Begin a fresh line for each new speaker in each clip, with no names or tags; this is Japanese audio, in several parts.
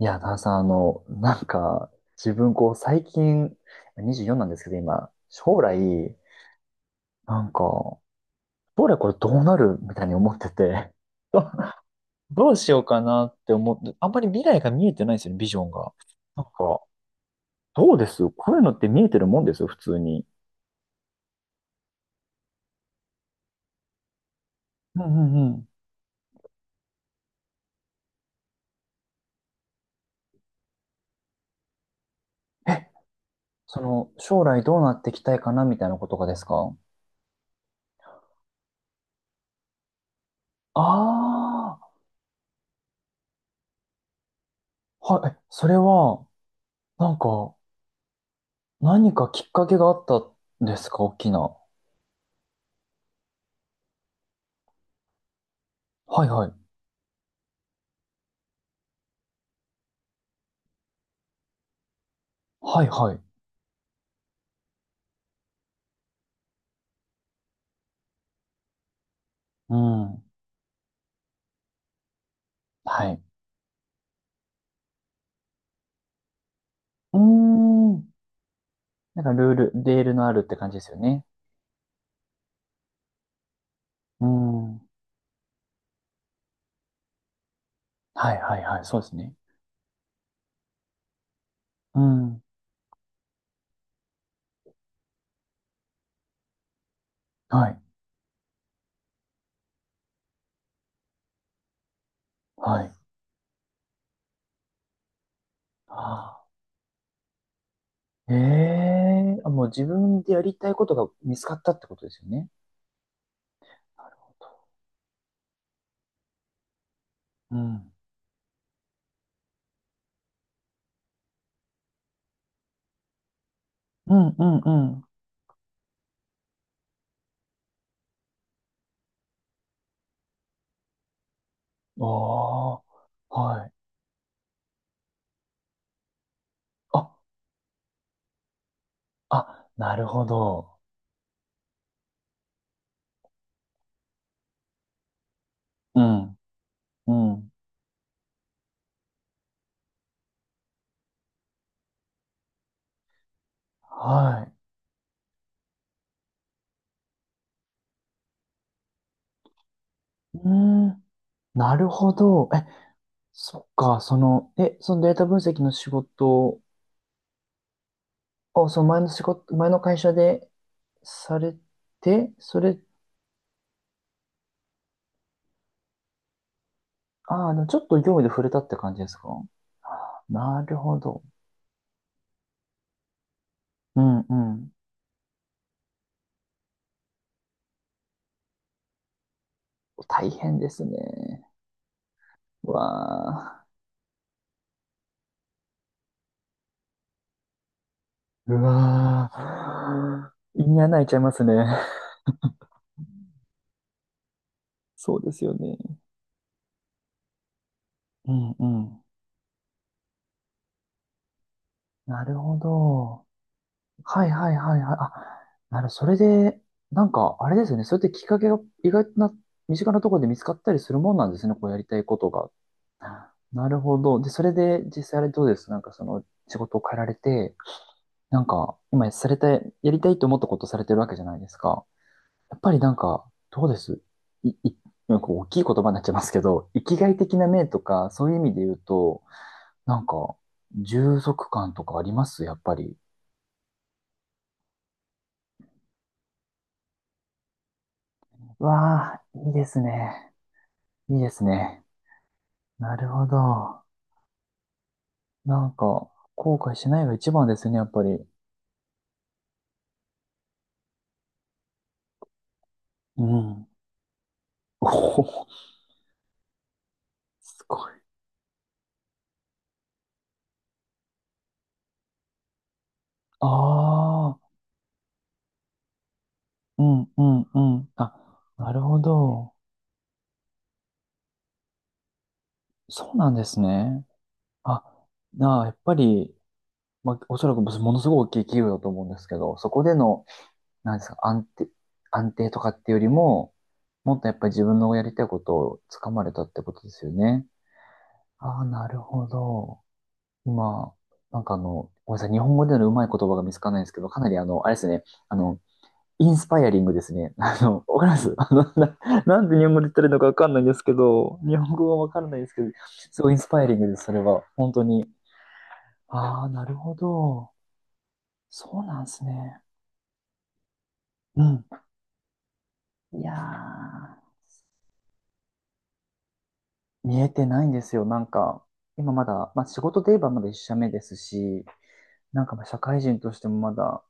いや、田中さん、なんか、自分、最近、24なんですけど、今、将来、なんか、将来これどうなるみたいに思ってて、どうしようかなって思って、あんまり未来が見えてないんですよね、ビジョンが。なんか、どうです？こういうのって見えてるもんですよ、普通に。うんうんうん。え将来どうなっていきたいかなみたいなことがですか？ああー、はい、それは、なんか、何かきっかけがあったんですか、大きな？はいはい。はいはい。うん。はい。うーん。なんかルール、レールのあるって感じですよね。うん。はいはいはい。そうですね。うん。はい。はい。あー、もう自分でやりたいことが見つかったってことですよね。なるほど。うん。うんうんうん。ああ、はい。あ、あ、なるほど。うん。うん。はい。うん。なるほど。そっか、そのデータ分析の仕事。あ、そう、前の会社でされて、それ、ああ、でもちょっと業務で触れたって感じですか？なるほど。うんうん。大変ですね。うわあ。うわあ。胃に穴開いちゃいますね。そうですよね。うんうん。なるほど。はいはいはいはい。あ、なるほど、それで、なんか、あれですよね。それってきっかけが意外な、身近なところで見つかったりするもんなんですね。こうやりたいことが。なるほど。で、それで実際あれどうです？なんかその仕事を変えられて、なんか今されたやりたいと思ったことされてるわけじゃないですか。やっぱりなんか、どうです？い、い、なんか大きい言葉になっちゃいますけど、生きがい的な面とか、そういう意味で言うと、なんか、充足感とかありますやっぱり？わあ、いいですね。いいですね。なるほど。なんか、後悔しないが一番ですね、やっぱり。うん。おお、すごい。ああ、うん、うん、うん。あ、なるほど。そうなんですね。あ、やっぱり、まあ、おそらくものすごい大きい企業だと思うんですけど、そこでの、なんですか、安定とかっていうよりも、もっとやっぱり自分のやりたいことをつかまれたってことですよね。ああ、なるほど。今、なんかごめんなさい、日本語でのうまい言葉が見つからないんですけど、かなりあれですね、あの、インスパイアリングですね。わかります。 なんで日本語で言ってるのかわかんないんですけど、日本語はわからないですけど、すごいインスパイアリングです、それは。本当に。ああ、なるほど。そうなんですね。うん。いやー、見えてないんですよ。なんか、今まだ、まあ仕事で言えばまだ一社目ですし、なんかまあ社会人としてもまだ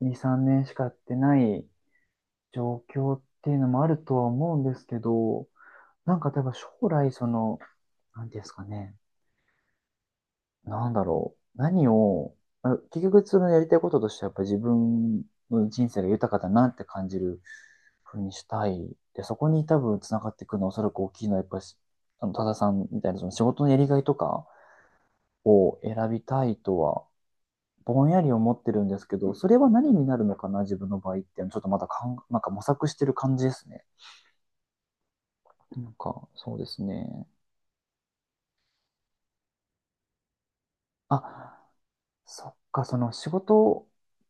2、3年しかやってない状況っていうのもあるとは思うんですけど、なんか例えば将来その、なんていうんですかね、なんだろう、何を、あ結局そのやりたいこととしてはやっぱ自分の人生が豊かだなって感じるふうにしたい。で、そこに多分つながってくるのはおそらく大きいのはやっぱり、多田さんみたいなその仕事のやりがいとかを選びたいとは、ぼんやり思ってるんですけど、それは何になるのかな、自分の場合っていうのはちょっとまだかん、なんか模索してる感じですね。なんか、そうですね。あ、そっか、その仕事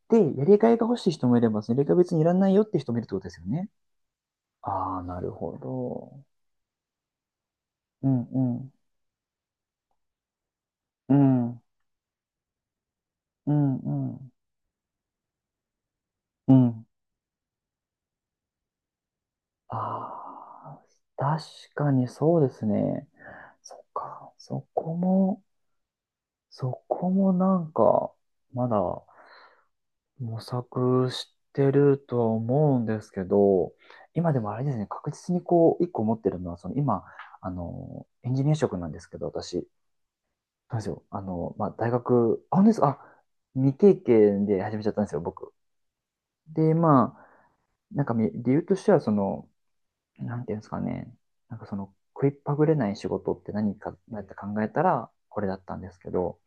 でやりがいが欲しい人もいれば、やりがい別にいらないよって人もいるってことですよね。ああ、なるほど。うんうん。うん。うんうん。うん。ああ、確かにそうですね。そっか。そこもなんか、まだ模索してるとは思うんですけど、今でもあれですね、確実にこう、一個持ってるのは、その今、エンジニア職なんですけど、私、なんですよ、まあ、大学、あ、本当ですか？あ、未経験で始めちゃったんですよ、僕。で、まあ、なんか理由としては、その、なんていうんですかね、なんかその、食いっぱぐれない仕事って何かなって考えたら、これだったんですけど、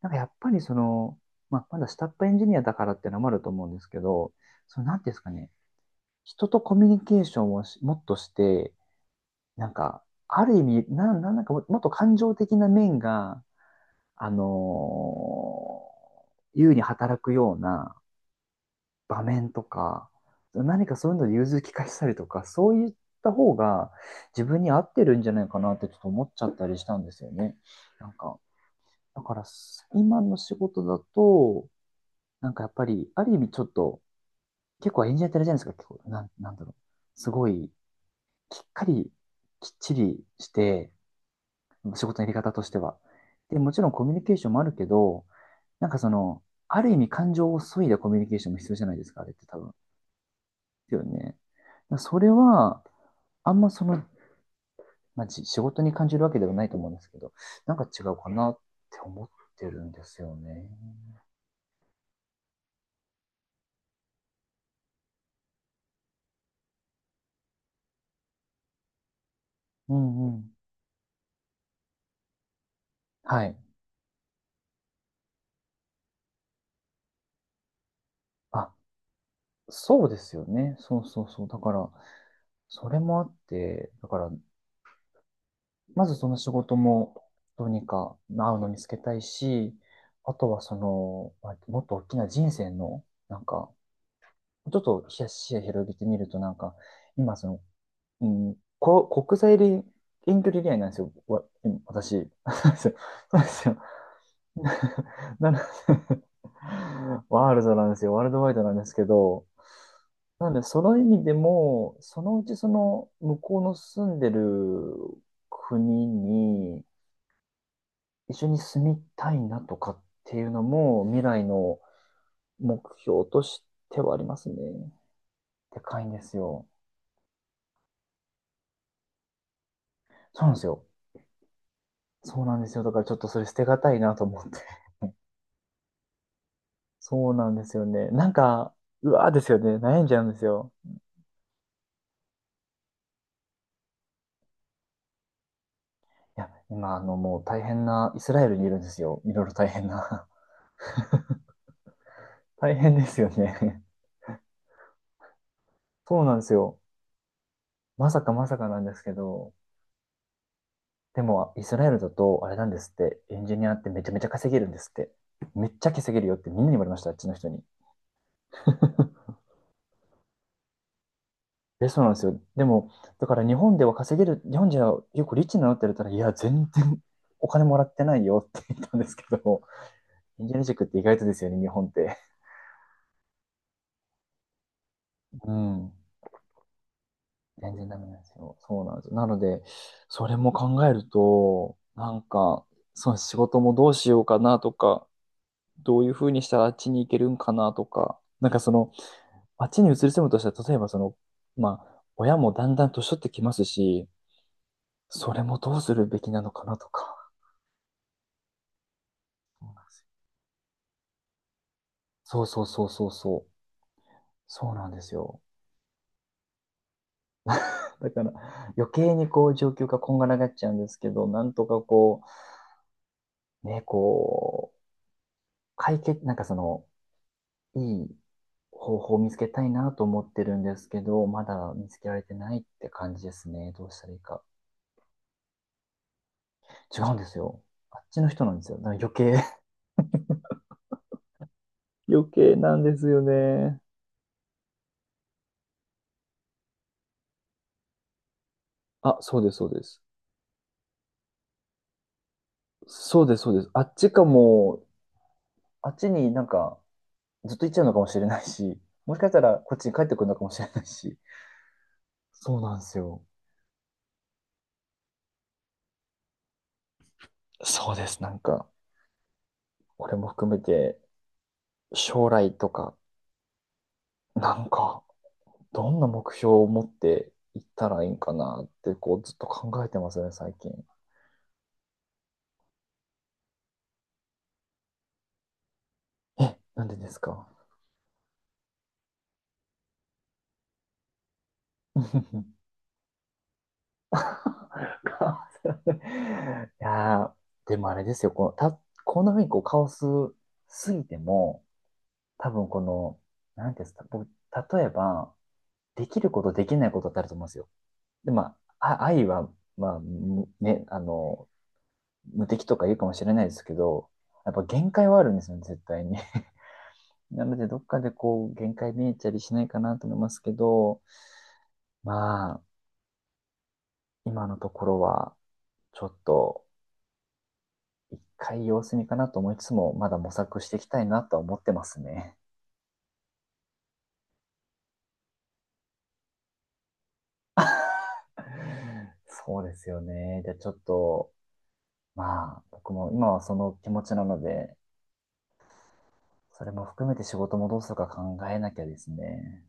なんかやっぱりその、まあ、まだ下っ端エンジニアだからっていうのもあると思うんですけど、その、なんていうんですかね、人とコミュニケーションをもっとして、なんか、ある意味、なんかももっと感情的な面が、あのー優に働くような場面とか、何かそういうので融通きかしたりとか、そういった方が自分に合ってるんじゃないかなってちょっと思っちゃったりしたんですよね。なんか、だから今の仕事だと、なんかやっぱり、ある意味ちょっと、結構エンジニアってあれじゃないですか、結構、なんだろう。すごいきっかり、きっちりして、仕事のやり方としては。で、もちろんコミュニケーションもあるけど、なんかその、ある意味感情を削いだコミュニケーションも必要じゃないですか、あれって多分。ですよね。それは、あんまその、まあ、仕事に感じるわけではないと思うんですけど、なんか違うかなって思ってるんですよね。うんうん。はい。あ、そうですよね。そうそうそう。だから、それもあって、だから、まずその仕事もどうにか合うの見つけたいし、あとはその、まあもっと大きな人生の、なんか、ちょっと視野広げてみると、なんか、今その、うん、国際遠距離恋愛なんですよ、私。そうですよ。そうですよ。なので、 ワールドワイドなんですけど、なんで、その意味でも、そのうちその向こうの住んでる国に、一緒に住みたいなとかっていうのも未来の目標としてはありますね。でかいんですよ。そうなんですよ。そうなんですよ。だからちょっとそれ捨てがたいなと思って。そうなんですよね。なんか、うわーですよね。悩んじゃうんですよ。いや、今、もう大変な、イスラエルにいるんですよ。いろいろ大変な。大変ですよね。そうなんですよ。まさかまさかなんですけど、でも、イスラエルだと、あれなんですって、エンジニアってめちゃめちゃ稼げるんですって。めっちゃ稼げるよってみんなに言われました、あっちの人に。え、そうなんですよ。でも、だから日本では稼げる、日本人は結構リッチになのって言っれたら、いや、全然お金もらってないよって言ったんですけど、エンジニア塾って意外とですよね、日本って。うん。全然ダメなんですよ。そうなんですよ。なので、それも考えると、なんか、その仕事もどうしようかなとか、どういうふうにしたらあっちに行けるんかなとか、なんかその、あっちに移り住むとしたら、例えばその、まあ、親もだんだん年取ってきますし、それもどうするべきなのかなとか。そうそうそうそうそう。そうなんですよ。だから余計にこう状況がこんがらがっちゃうんですけど、なんとかこう、ね、こう、解決、なんかその、いい方法を見つけたいなと思ってるんですけど、まだ見つけられてないって感じですね。どうしたらいいか。違うんですよ。あっちの人なんですよ。だから余計。余計なんですよね。あ、そうです、そうです。そうです、そうです。あっちかも、あっちになんかずっと行っちゃうのかもしれないし、もしかしたらこっちに帰ってくるのかもしれないし。そうなんですよ。そうです、なんか、俺も含めて将来とか、なんか、どんな目標を持っていったらいいんかなって、こう、ずっと考えてますね、最近。え、なんでですか？ いやーでもあれですよ、このた、こんな風にこうカオスすぎても、多分この、なんていうんですか、僕、例えば、できることできないことってあると思うんですよ。で、まあ、愛は、まあ、むね、あの、無敵とか言うかもしれないですけど、やっぱ限界はあるんですよね、絶対に。なので、どっかでこう、限界見えたりしないかなと思いますけど、まあ、今のところは、ちょっと、一回様子見かなと思いつつも、まだ模索していきたいなとは思ってますね。そうですよね。じゃあちょっと、まあ、僕も今はその気持ちなので、それも含めて仕事もどうするか考えなきゃですね。